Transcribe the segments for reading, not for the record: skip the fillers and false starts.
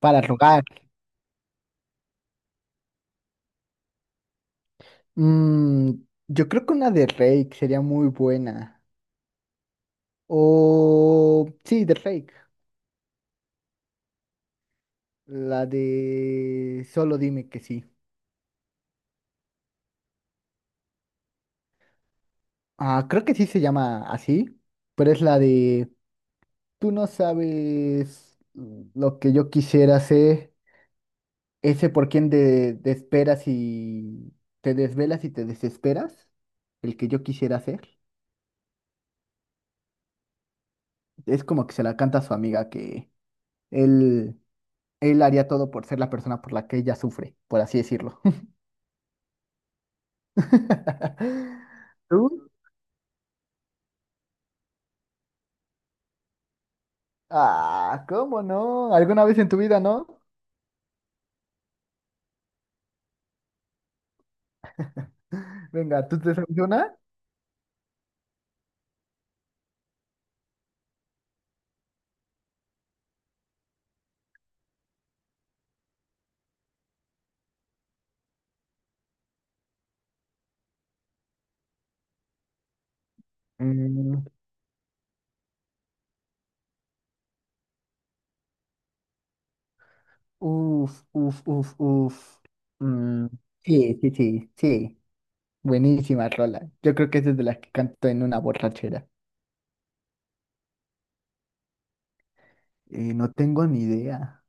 Para rogar. Mm, yo creo que una de Rake sería muy buena. O sí, de Rake. La de Solo dime que sí. Creo que sí se llama así. Pero es la de Tú no sabes lo que yo quisiera hacer. Ese por quien te esperas y te desvelas y te desesperas. El que yo quisiera hacer. Es como que se la canta a su amiga que él. Él haría todo por ser la persona por la que ella sufre, por así decirlo. ¿Tú? Ah, ¿cómo no? ¿Alguna vez en tu vida, no? Venga, ¿tú te sabes una? Mm, uf, uf, uf, uf. Mm, sí, sí, sí, sí. Buenísima rola. Yo creo que esa es de las que canto en una borrachera. No tengo ni idea.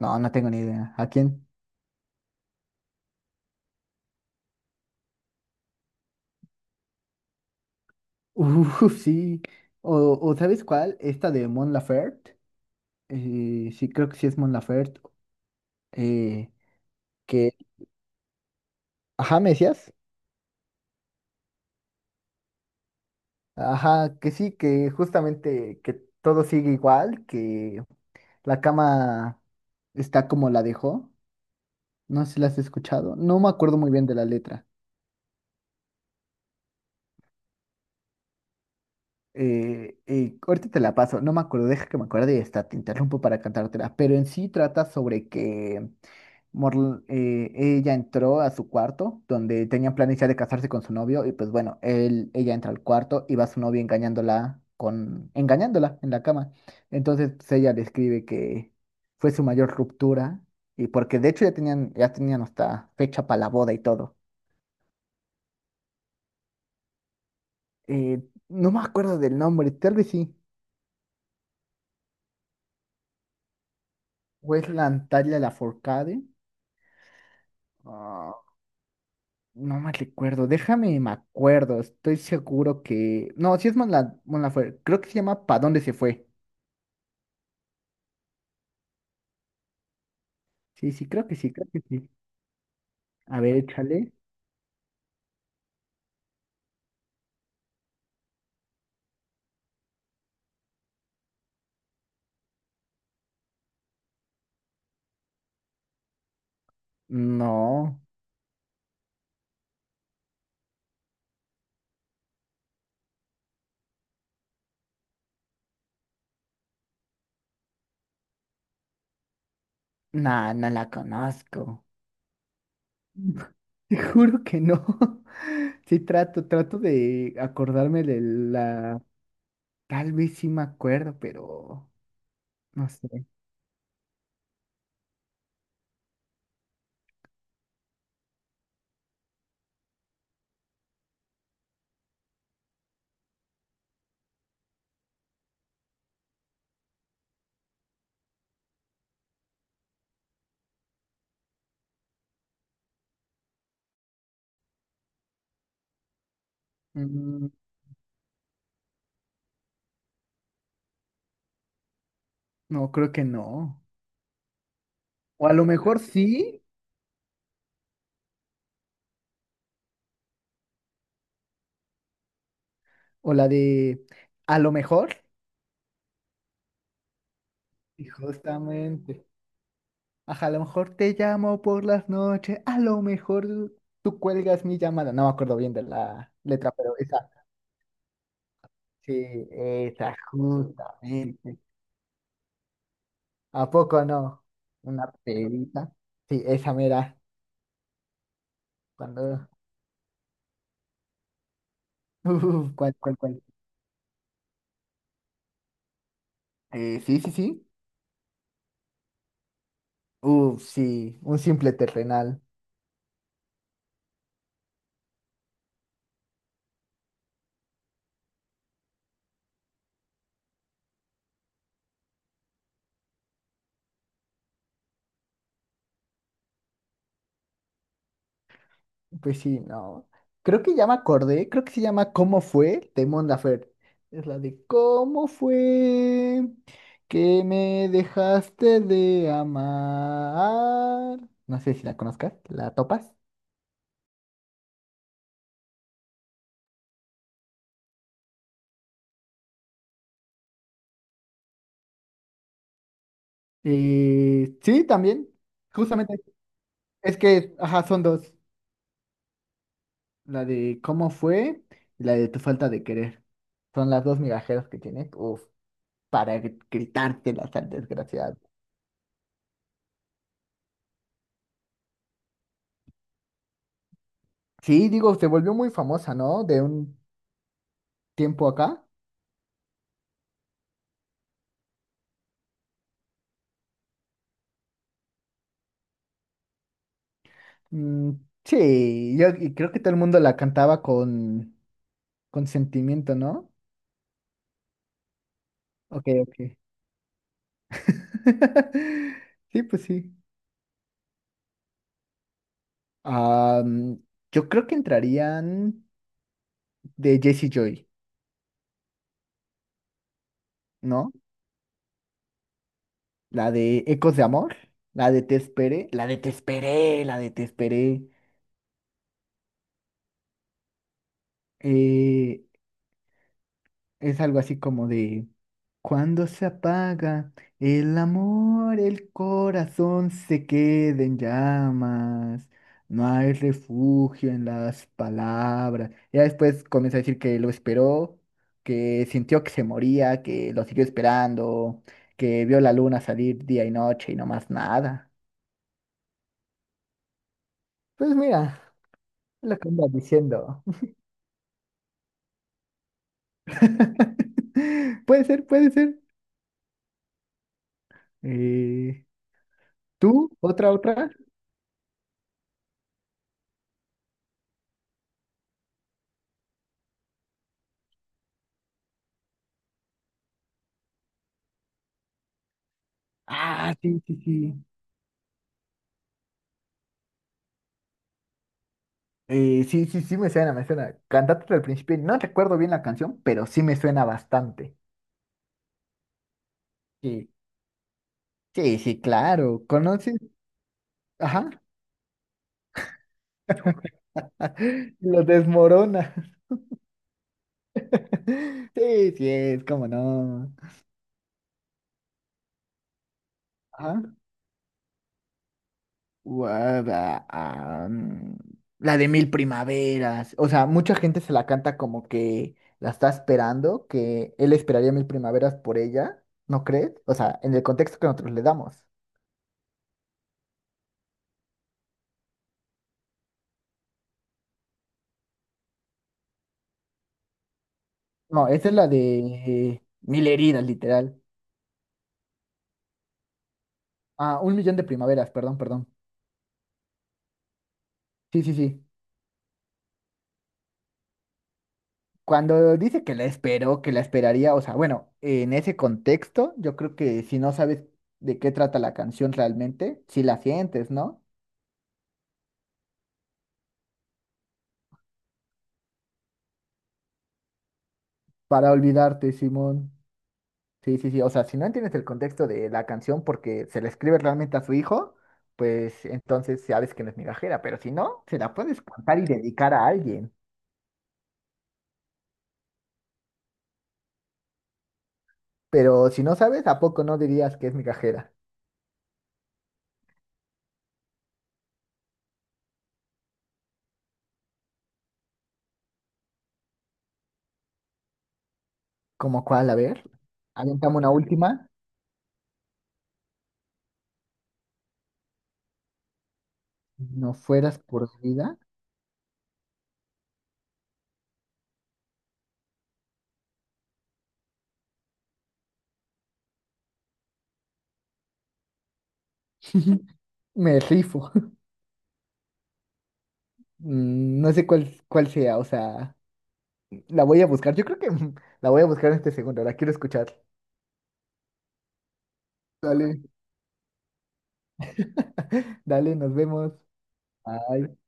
No, no tengo ni idea. ¿A quién? Uf, sí. O, o ¿sabes cuál? Esta de Mon Laferte. Sí, creo que sí es Mon Laferte. eh, que, ajá, me decías, ajá, que sí, que justamente que todo sigue igual, que la cama está como la dejó, no sé si la has escuchado, no me acuerdo muy bien de la letra. Ahorita te la paso, no me acuerdo, deja que me acuerde y está, te interrumpo para cantártela, pero en sí trata sobre que ella entró a su cuarto, donde tenían planes ya de casarse con su novio, y pues bueno, él, ella entra al cuarto y va su novio engañándola con, engañándola en la cama. Entonces, pues, ella describe que fue su mayor ruptura, y porque de hecho ya tenían hasta fecha para la boda y todo. Eh, no me acuerdo del nombre, tal vez sí. Wesland Talia Lafourcade. No me recuerdo, déjame, me acuerdo, estoy seguro que... No, sí es Monla... Monlafuerte, creo que se llama ¿Pa dónde se fue? Sí, sí, creo que sí, creo que sí. A ver, échale. No, no, no la conozco. Te juro que no. Sí trato, trato de acordarme de la... Tal vez sí me acuerdo, pero no sé. Mm, no, creo que no. O a lo mejor sí, o la de... A lo mejor. Y justamente. Ajá, a lo mejor te llamo por las noches, a lo mejor tú cuelgas mi llamada. No me acuerdo bien de la letra, pero esa, sí, esa, justamente. ¿A poco no? Una perita. Sí, esa mera. Cuando. Uf, ¿cuál, cuál, cuál? Sí, sí, sí. Uf, sí, un simple terrenal. Pues sí, no. Creo que ya me acordé, creo que se llama ¿Cómo fue? De Mon Laferte. Es la de ¿Cómo fue que me dejaste de amar? No sé si la conozcas, ¿la topas? Sí, también. Justamente. Es que, ajá, son dos. La de ¿Cómo fue? Y la de Tu falta de querer. Son las dos migajeras que tiene. Uf, para gritártelas al desgraciado. Sí, digo, se volvió muy famosa, ¿no? De un tiempo acá. Mm, sí, yo y creo que todo el mundo la cantaba con sentimiento, ¿no? Ok, ok. Sí, pues sí. Ah, mm, yo creo que entrarían de Jesse Joy, ¿no? La de Ecos de Amor, la de Te Esperé, la de Te Esperé, la de Te Esperé. Eh, Es algo así como de, cuando se apaga el amor, el corazón se queda en llamas, no hay refugio en las palabras. Ya después comienza a decir que lo esperó, que sintió que se moría, que lo siguió esperando, que vio la luna salir día y noche y no más nada. Pues mira, lo que andas diciendo. Puede ser, puede ser. Eh, ¿Tú? ¿Otra, otra? Ah, sí, sí, sí. Sí, sí, sí, me suena, me suena. Cantate al principio. No recuerdo bien la canción, pero sí me suena bastante. Sí, sí, sí, claro. ¿Conoces? Ajá. Lo desmorona. Sí, sí, es como no. Ajá. Guada- ah, mm, La de Mil Primaveras. O sea, mucha gente se la canta como que la está esperando, que él esperaría mil primaveras por ella, ¿no crees? O sea, en el contexto que nosotros le damos. No, esa es la de Mil heridas, literal. Ah, un millón de primaveras, perdón, perdón. Sí, sí, sí. Cuando dice que la esperó, que la esperaría, o sea, bueno, en ese contexto, yo creo que si no sabes de qué trata la canción realmente, si la sientes, ¿no? Para olvidarte, Simón. Sí, sí, sí. O sea, si no entiendes el contexto de la canción porque se la escribe realmente a su hijo, pues entonces sabes que no es migajera, pero si no, se la puedes cantar y dedicar a alguien. Pero si no sabes, ¿a poco no dirías que es migajera? ¿Como cuál? A ver, avientame una última. No fueras por mi vida. Me rifo. Mm, no sé cuál, cuál sea, o sea, la voy a buscar. Yo creo que la voy a buscar en este segundo. La quiero escuchar. Dale. Dale, nos vemos. Bye.